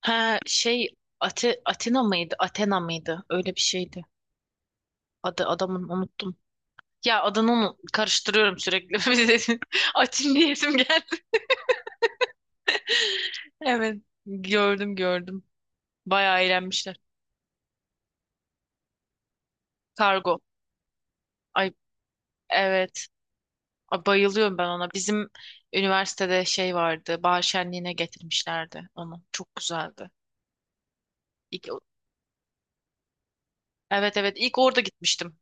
Ha şey Atina mıydı? Athena mıydı? Öyle bir şeydi. Adı adamın unuttum. Ya adını karıştırıyorum sürekli. Atin diyesim geldi. Evet. Gördüm gördüm. Bayağı eğlenmişler. Kargo. Ay evet. Ay, bayılıyorum ben ona. Bizim üniversitede şey vardı. Bahar şenliğine getirmişlerdi onu. Çok güzeldi. İlk, evet evet, ilk orada gitmiştim.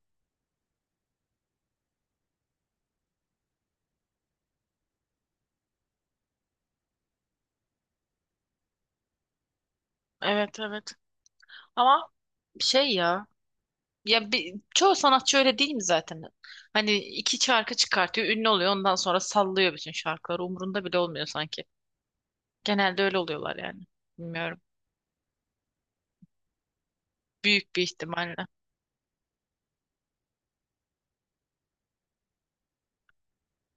Evet evet. Ama şey ya. Ya çoğu sanatçı öyle değil mi zaten? Hani iki şarkı çıkartıyor, ünlü oluyor, ondan sonra sallıyor bütün şarkıları. Umurunda bile olmuyor sanki. Genelde öyle oluyorlar yani. Bilmiyorum. Büyük bir ihtimalle.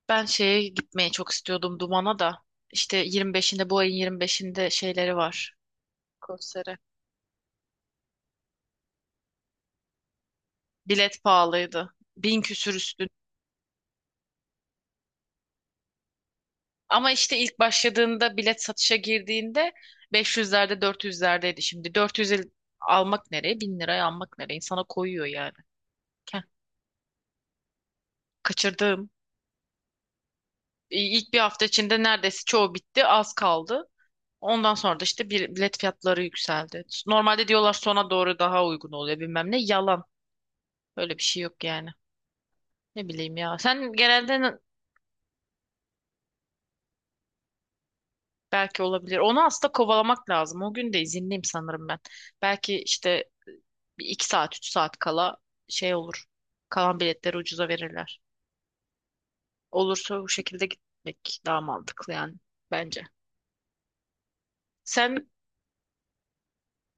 Ben şeye gitmeyi çok istiyordum Duman'a da. İşte 25'inde bu ayın 25'inde şeyleri var konsere. Bilet pahalıydı. Bin küsür üstün. Ama işte ilk başladığında bilet satışa girdiğinde beş yüzlerde dört yüzlerdeydi. Şimdi 400 almak nereye? 1000 liraya almak nereye? İnsana koyuyor yani. Kaçırdığım. İlk bir hafta içinde neredeyse çoğu bitti, az kaldı. Ondan sonra da işte bir bilet fiyatları yükseldi. Normalde diyorlar sona doğru daha uygun oluyor bilmem ne. Yalan. Öyle bir şey yok yani. Ne bileyim ya. Sen genelde. Belki olabilir. Onu aslında kovalamak lazım. O gün de izinliyim sanırım ben. Belki işte bir iki saat, üç saat kala şey olur. Kalan biletleri ucuza verirler. Olursa bu şekilde gitmek daha mantıklı yani bence. Sen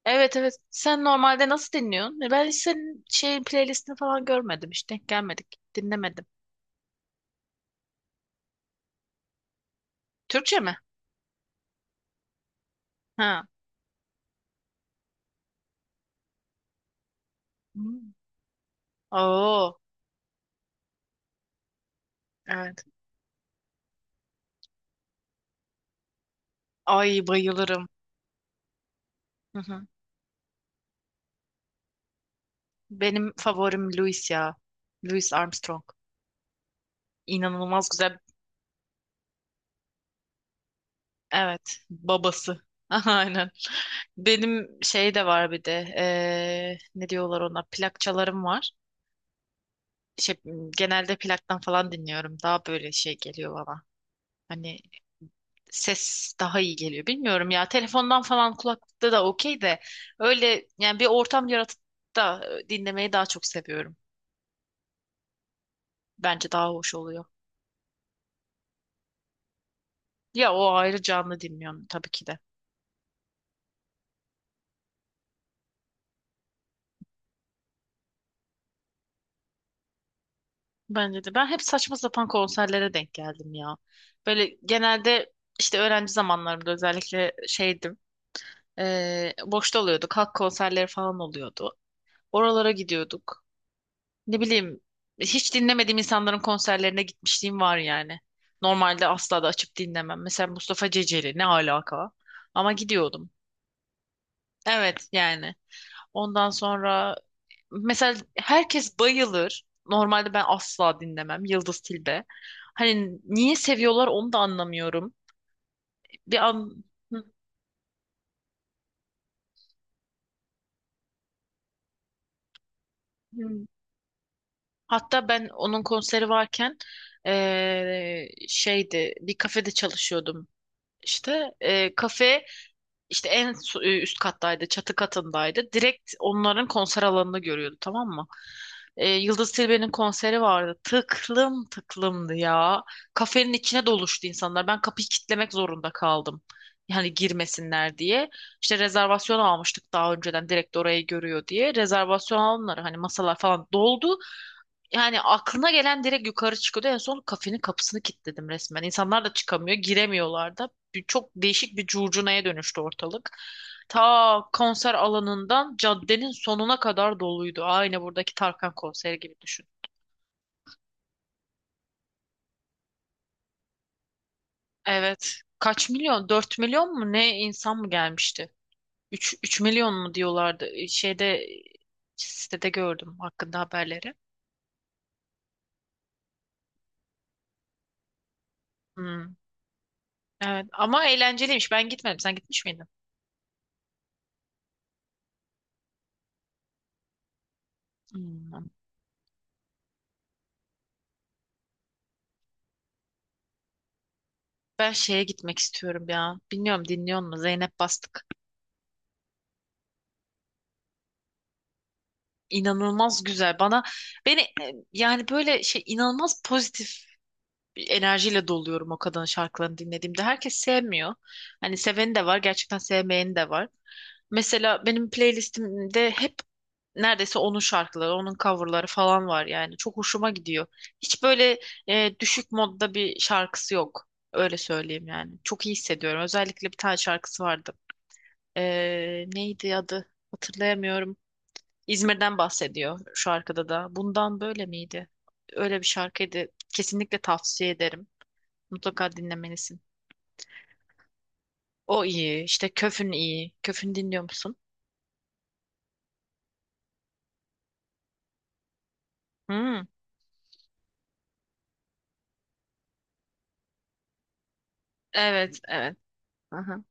Evet, evet. Sen normalde nasıl dinliyorsun? Ben hiç senin şeyin playlistini falan görmedim. Hiç denk gelmedik. Dinlemedim. Türkçe mi? Ha. Hmm. Oo. Evet. Ay bayılırım. Hı hı. Benim favorim Louis ya. Louis Armstrong. İnanılmaz güzel. Evet. Babası. Aynen. Benim şey de var bir de. Ne diyorlar ona? Plakçalarım var. Şey, genelde plaktan falan dinliyorum. Daha böyle şey geliyor bana. Hani ses daha iyi geliyor. Bilmiyorum ya telefondan falan kulaklıkta da okey de öyle yani bir ortam yaratıp da dinlemeyi daha çok seviyorum. Bence daha hoş oluyor. Ya o ayrı canlı dinliyorum tabii ki de. Bence de. Ben hep saçma sapan konserlere denk geldim ya. Böyle genelde işte öğrenci zamanlarımda özellikle şeydim. Boşta oluyorduk. Halk konserleri falan oluyordu. Oralara gidiyorduk. Ne bileyim hiç dinlemediğim insanların konserlerine gitmişliğim var yani. Normalde asla da açıp dinlemem. Mesela Mustafa Ceceli ne alaka? Ama gidiyordum. Evet yani. Ondan sonra mesela herkes bayılır. Normalde ben asla dinlemem Yıldız Tilbe. Hani niye seviyorlar onu da anlamıyorum. Bir an. Hı hı. Hatta ben onun konseri varken şeydi, bir kafede çalışıyordum. İşte kafe. İşte üst kattaydı, çatı katındaydı. Direkt onların konser alanını görüyordu, tamam mı? Yıldız Tilbe'nin konseri vardı. Tıklım tıklımdı ya. Kafenin içine doluştu insanlar. Ben kapıyı kitlemek zorunda kaldım. Yani girmesinler diye. İşte rezervasyon almıştık daha önceden, direkt orayı görüyor diye. Rezervasyon alanları, hani masalar falan doldu. Yani aklına gelen direkt yukarı çıkıyordu. En son kafenin kapısını kilitledim resmen. İnsanlar da çıkamıyor, giremiyorlar da. Çok değişik bir curcunaya dönüştü ortalık. Ta konser alanından caddenin sonuna kadar doluydu. Aynı buradaki Tarkan konseri gibi düşün. Evet. Kaç milyon? 4 milyon mu ne insan mı gelmişti? Üç milyon mu diyorlardı. Şeyde Sitede gördüm hakkında haberleri. Hmm. Evet, ama eğlenceliymiş. Ben gitmedim. Sen gitmiş miydin? Hmm. Ben şeye gitmek istiyorum ya. Bilmiyorum, dinliyor musun? Zeynep Bastık. İnanılmaz güzel. Bana, beni yani böyle şey, inanılmaz pozitif bir enerjiyle doluyorum o kadının şarkılarını dinlediğimde. Herkes sevmiyor. Hani seveni de var, gerçekten sevmeyeni de var. Mesela benim playlistimde hep neredeyse onun şarkıları, onun coverları falan var yani. Çok hoşuma gidiyor. Hiç böyle düşük modda bir şarkısı yok. Öyle söyleyeyim yani. Çok iyi hissediyorum. Özellikle bir tane şarkısı vardı. Neydi adı? Hatırlayamıyorum. İzmir'den bahsediyor şu arkada da. Bundan böyle miydi? Öyle bir şarkıydı. Kesinlikle tavsiye ederim. Mutlaka dinlemelisin. O iyi. İşte Köfün iyi. Köfün dinliyor musun? Hmm. Evet, evet. Aha.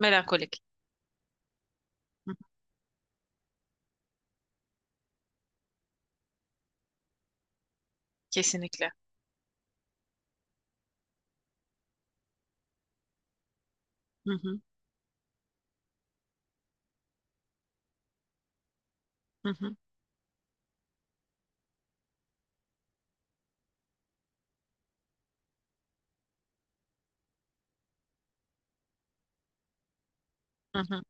Melankolik. Hı hı. Kesinlikle. Hı hı. Hı hı. Hı hı.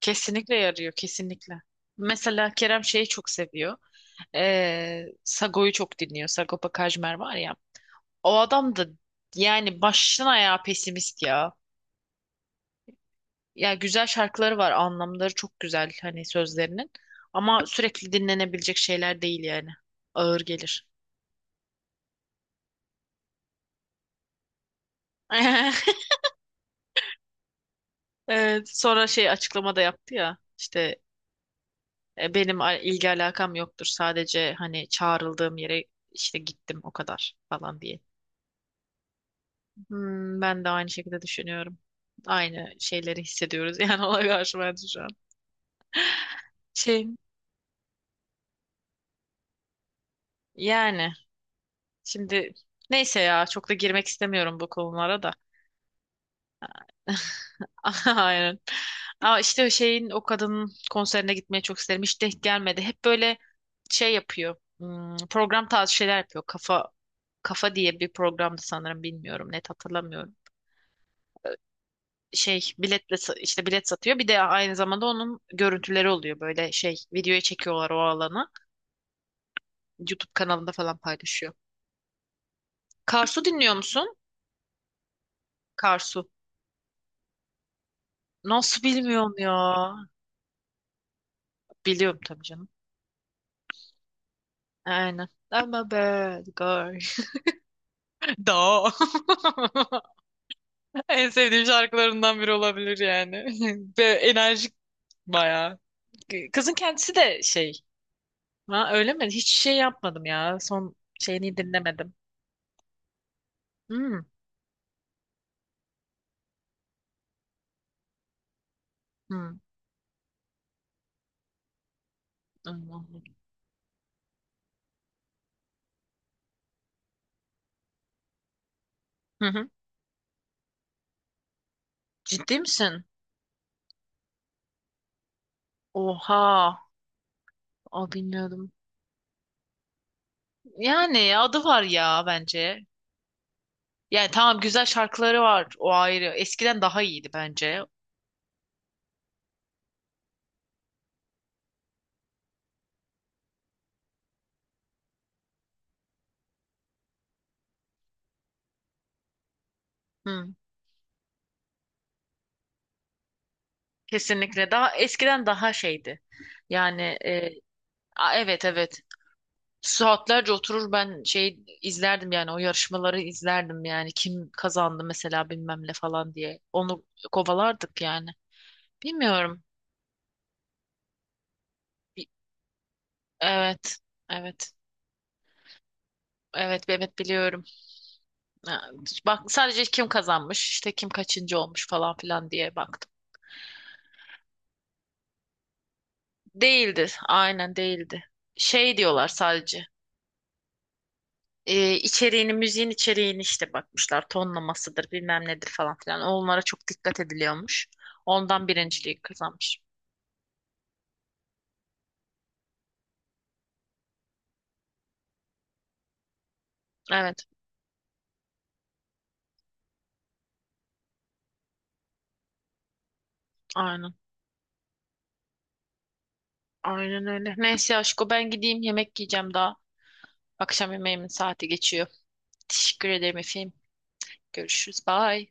Kesinlikle yarıyor, kesinlikle. Mesela Kerem şeyi çok seviyor. Sago'yu çok dinliyor. Sagopa Kajmer var ya. O adam da yani baştan ayağa pesimist ya. Ya güzel şarkıları var, anlamları çok güzel hani sözlerinin. Ama sürekli dinlenebilecek şeyler değil yani. Ağır gelir. Evet, sonra şey, açıklama da yaptı ya. İşte benim ilgi alakam yoktur. Sadece hani çağrıldığım yere işte gittim o kadar falan diye. Hmm, ben de aynı şekilde düşünüyorum. Aynı şeyleri hissediyoruz yani ona karşı, bence, şu an. Şey yani. Şimdi neyse ya, çok da girmek istemiyorum bu konulara da. Aynen. Aa, işte şeyin, o kadının konserine gitmeyi çok isterim. Hiç denk gelmedi. Hep böyle şey yapıyor. Program tarzı şeyler yapıyor. Kafa. Kafa diye bir programdı sanırım, bilmiyorum. Net hatırlamıyorum. Şey, biletle işte bilet satıyor. Bir de aynı zamanda onun görüntüleri oluyor. Böyle şey, videoya çekiyorlar o alanı. YouTube kanalında falan paylaşıyor. Karsu dinliyor musun? Karsu. Nasıl bilmiyorum ya? Biliyorum tabii canım. Aynen. I'm a bad girl. Da. En sevdiğim şarkılarından biri olabilir yani. Ve enerjik bayağı. Kızın kendisi de şey. Ha, öyle mi? Hiç şey yapmadım ya. Son şeyini dinlemedim. Hmm. Hmm. Anladım. Hı hı. Ciddi misin? Oha. O bilmiyordum. Yani adı var ya, bence. Yani tamam, güzel şarkıları var. O ayrı. Eskiden daha iyiydi bence. Hmm. Kesinlikle daha eskiden daha şeydi. Yani evet, evet, saatlerce oturur ben şey izlerdim yani, o yarışmaları izlerdim yani, kim kazandı mesela bilmem ne falan diye onu kovalardık yani. Bilmiyorum. Bi- Evet, evet, evet, evet biliyorum. Ha, bak, sadece kim kazanmış işte, kim kaçıncı olmuş falan filan diye baktım. Değildi, aynen değildi. Şey diyorlar sadece. Müziğin içeriğini işte bakmışlar. Tonlamasıdır, bilmem nedir falan filan. Onlara çok dikkat ediliyormuş. Ondan birinciliği kazanmış. Evet, aynen. Aynen öyle. Neyse aşko, ben gideyim, yemek yiyeceğim daha. Akşam yemeğimin saati geçiyor. Teşekkür ederim efendim. Görüşürüz. Bye.